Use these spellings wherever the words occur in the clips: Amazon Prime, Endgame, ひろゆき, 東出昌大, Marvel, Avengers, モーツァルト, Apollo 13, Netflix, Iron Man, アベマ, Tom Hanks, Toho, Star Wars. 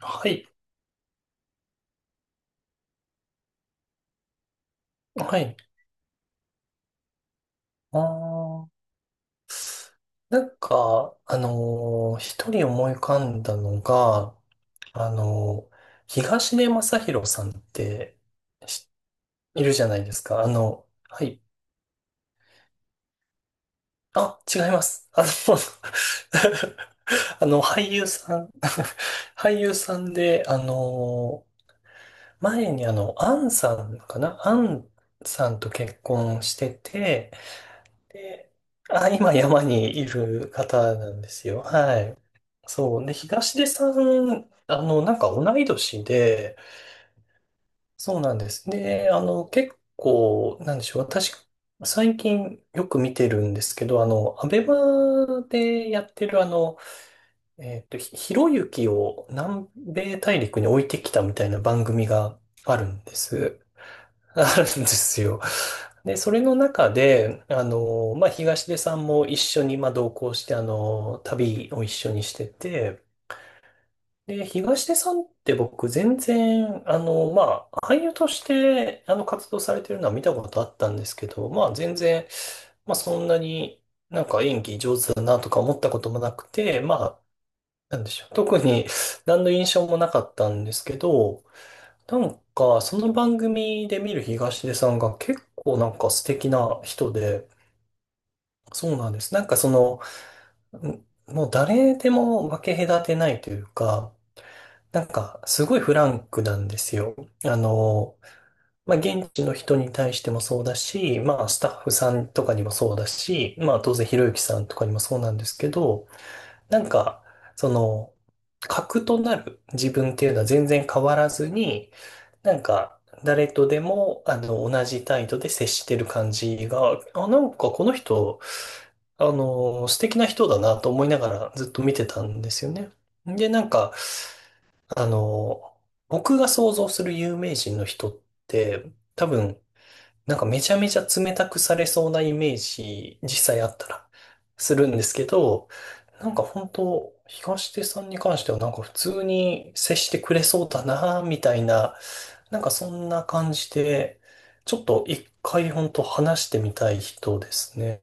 はい。はい。あー一人思い浮かんだのが、あのー東出昌大さんってしいるじゃないですか。あの、はい。あ、違います。あの、あの俳優さん 俳優さんで、前にあの、アンさんと結婚してて、で、あ、今山にいる方なんですよ。はい。そう。で、東出さん、あの、なんか同い年で、そうなんです。で、あの、結構、なんでしょう。私、最近よく見てるんですけど、あの、アベマでやってる、あの、ひろゆきを南米大陸に置いてきたみたいな番組があるんです。あるんですよ。で、それの中で、あの、まあ、東出さんも一緒に、まあ、同行して、あの、旅を一緒にしてて、で、東出さんって僕、全然、あの、まあ、俳優として、あの、活動されてるのは見たことあったんですけど、まあ、全然、まあ、そんなになんか演技上手だなとか思ったこともなくて、まあ、なんでしょう。特に、何の印象もなかったんですけど、なんか、その番組で見る東出さんが結構なんか素敵な人で、そうなんです。なんかその、んもう誰でも分け隔てないというか、なんかすごいフランクなんですよ。あの、まあ、現地の人に対してもそうだし、まあ、スタッフさんとかにもそうだし、まあ、当然ひろゆきさんとかにもそうなんですけど、なんか、その、核となる自分っていうのは全然変わらずに、なんか、誰とでも、あの、同じ態度で接してる感じが、あ、なんかこの人、あの、素敵な人だなと思いながらずっと見てたんですよね。で、なんか、あの、僕が想像する有名人の人って、多分、なんかめちゃめちゃ冷たくされそうなイメージ、実際あったらするんですけど、なんか本当、東出さんに関してはなんか普通に接してくれそうだな、みたいな、なんかそんな感じで、ちょっと一回本当話してみたい人ですね。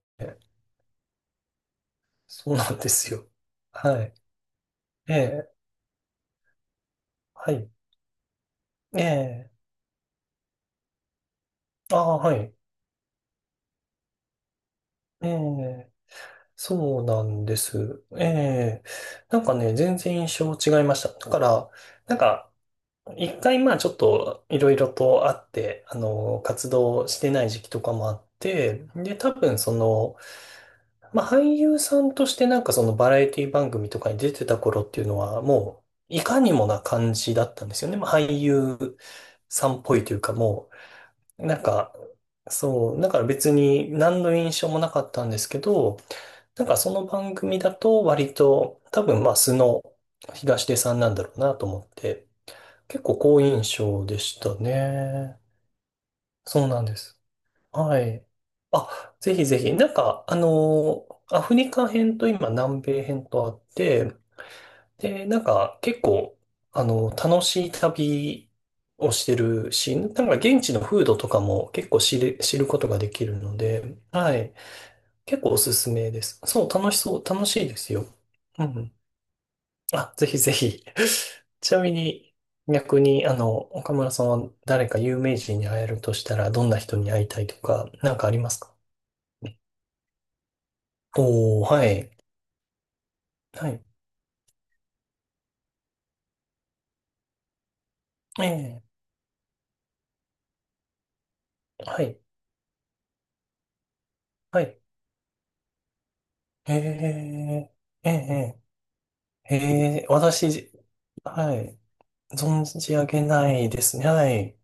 そうなんですよ。はい。ええ、はい。ええ、ああ、はい。ええ、そうなんです。ええ。なんかね、全然印象違いました。だから、なんか、一回まあちょっといろいろとあって、あの、活動してない時期とかもあって、で、多分その、まあ俳優さんとしてなんかそのバラエティ番組とかに出てた頃っていうのは、もう、いかにもな感じだったんですよね。まあ俳優さんっぽいというか、もう、なんか、そう、だから別に何の印象もなかったんですけど、なんかその番組だと割と多分まあ素の東出さんなんだろうなと思って、結構好印象でしたね。そうなんです。はい。あ、ぜひぜひ。なんか、アフリカ編と今南米編とあって、で、なんか結構、楽しい旅をしてるし、なんか現地の風土とかも結構知ることができるので、はい。結構おすすめです。そう、楽しそう、楽しいですよ。うん。あ、ぜひぜひ。ちなみに、逆に、あの、岡村さんは誰か有名人に会えるとしたら、どんな人に会いたいとか、なんかありますか？おー、はい。はい。ええ、はい。はい。ええ、ええ、ええ、私、はい。存じ上げないですね。はい。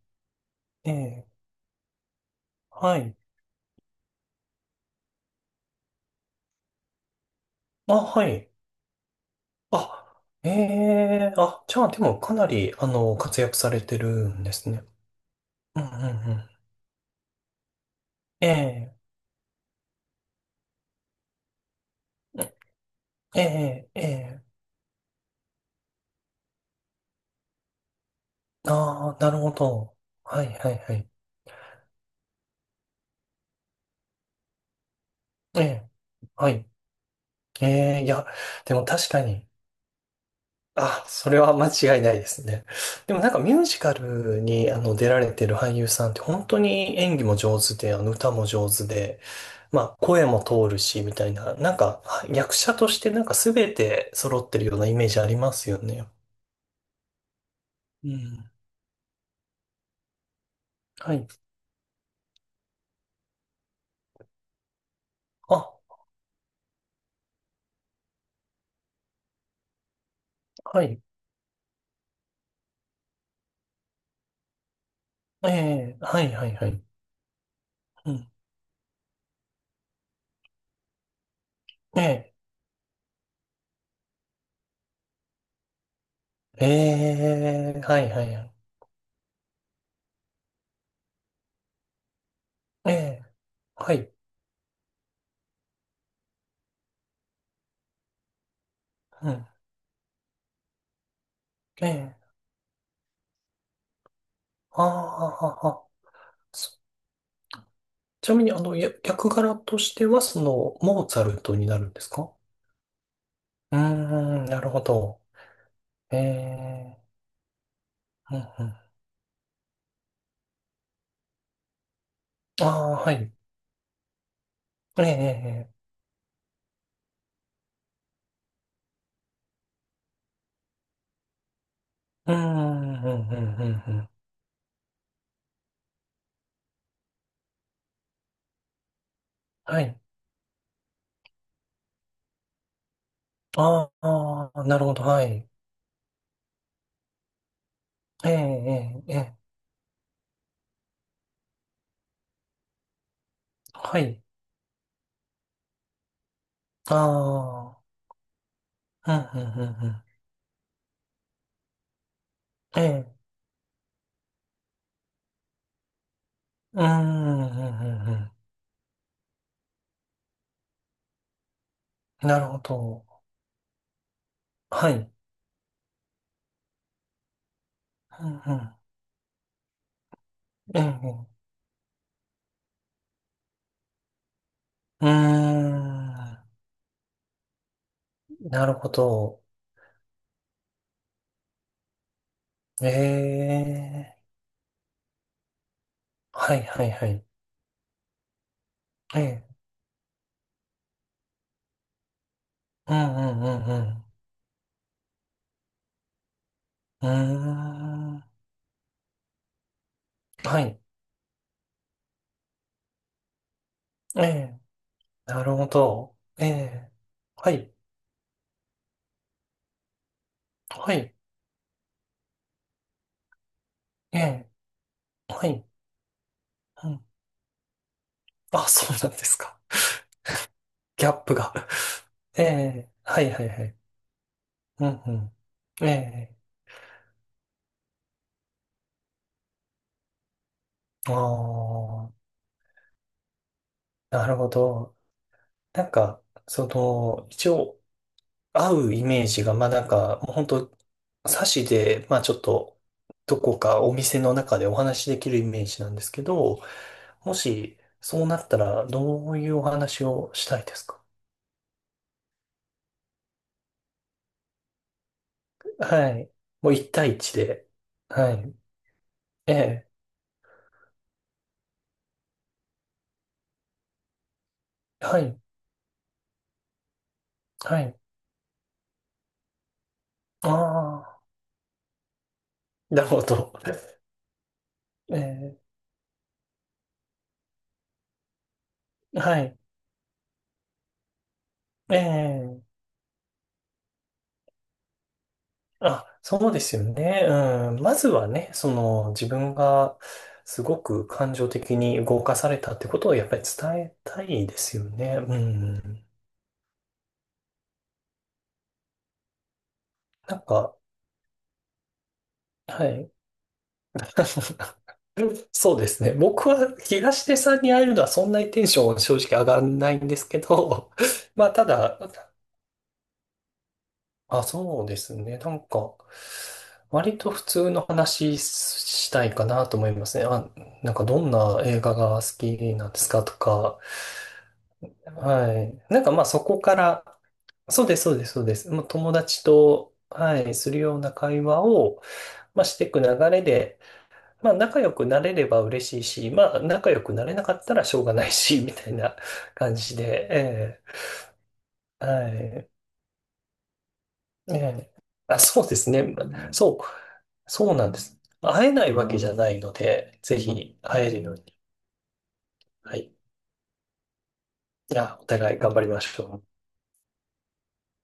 ええ、はい。あ、はい。あ、ええ、あ、じゃあ、でも、かなり、あの、活躍されてるんですね。うん、うん、うん。ええ、ええ、ええ、ああ、なるほど。はい、はい、はい。ええ、はい。ええ、いや、でも確かに、あ、それは間違いないですね。でもなんかミュージカルにあの出られてる俳優さんって本当に演技も上手で、あの歌も上手で、まあ声も通るし、みたいな、なんかは役者としてなんか全て揃ってるようなイメージありますよね。うん。はい。あ、はい。ええ、はい、はい、はい。うん。ええ、ええ、はいはいはい。ええ、はい。うん。ええ、ああ、そちなみに、あの、役柄としては、その、モーツァルトになるんですか？うーん、なるほど。ええ、うんうん。ああ、はい。ええ、ええ、うーん、うん、うん、うん、うん。はい。ああ、なるほど、はい。ええ、ええ、ええ、はい。ああ、うん、うん、うん、うん。ええ、うーん、うん、うん、うん。なるほど。はい。うんうん。うんうん。うーん。なるほど。ええ。はいはいはい。ええ。うんうんうんうん。うーん。はい。ええ。なるほど。ええ。はい。はい。ええ。はい。うん。あ、そうなんですか。ギャップが。ええ。はいはいはい。うんうん。ええ。ああ、なるほど。なんか、その、一応、合うイメージが、まあなんか、もう本当で、まあちょっと、どこかお店の中でお話しできるイメージなんですけど、もし、そうなったら、どういうお話をしたいですか？はい。もう一対一で。はい。ええ。はい。はい。ああ。なるほど。ええ。はい。ええ。あ、そうですよね。うん。まずはね、その自分がすごく感情的に動かされたってことをやっぱり伝えたいですよね。うん。なんか、はい。そうですね。僕は東出さんに会えるのはそんなにテンション正直上がらないんですけど、まあただ、あ、そうですね。なんか、割と普通の話したいかなと思いますね。あ、なんかどんな映画が好きなんですかとか、はい。なんかまあそこから、そうです、そうです、そうです。もう友達と、はい、するような会話を、まあ、していく流れで、まあ仲良くなれれば嬉しいし、まあ仲良くなれなかったらしょうがないし、みたいな感じで、ええ、はい。ええ、あ、そうですね。そう、そうなんです。会えないわけじゃないので、ぜひ会えるように、はい。いや、お互い頑張りましょう。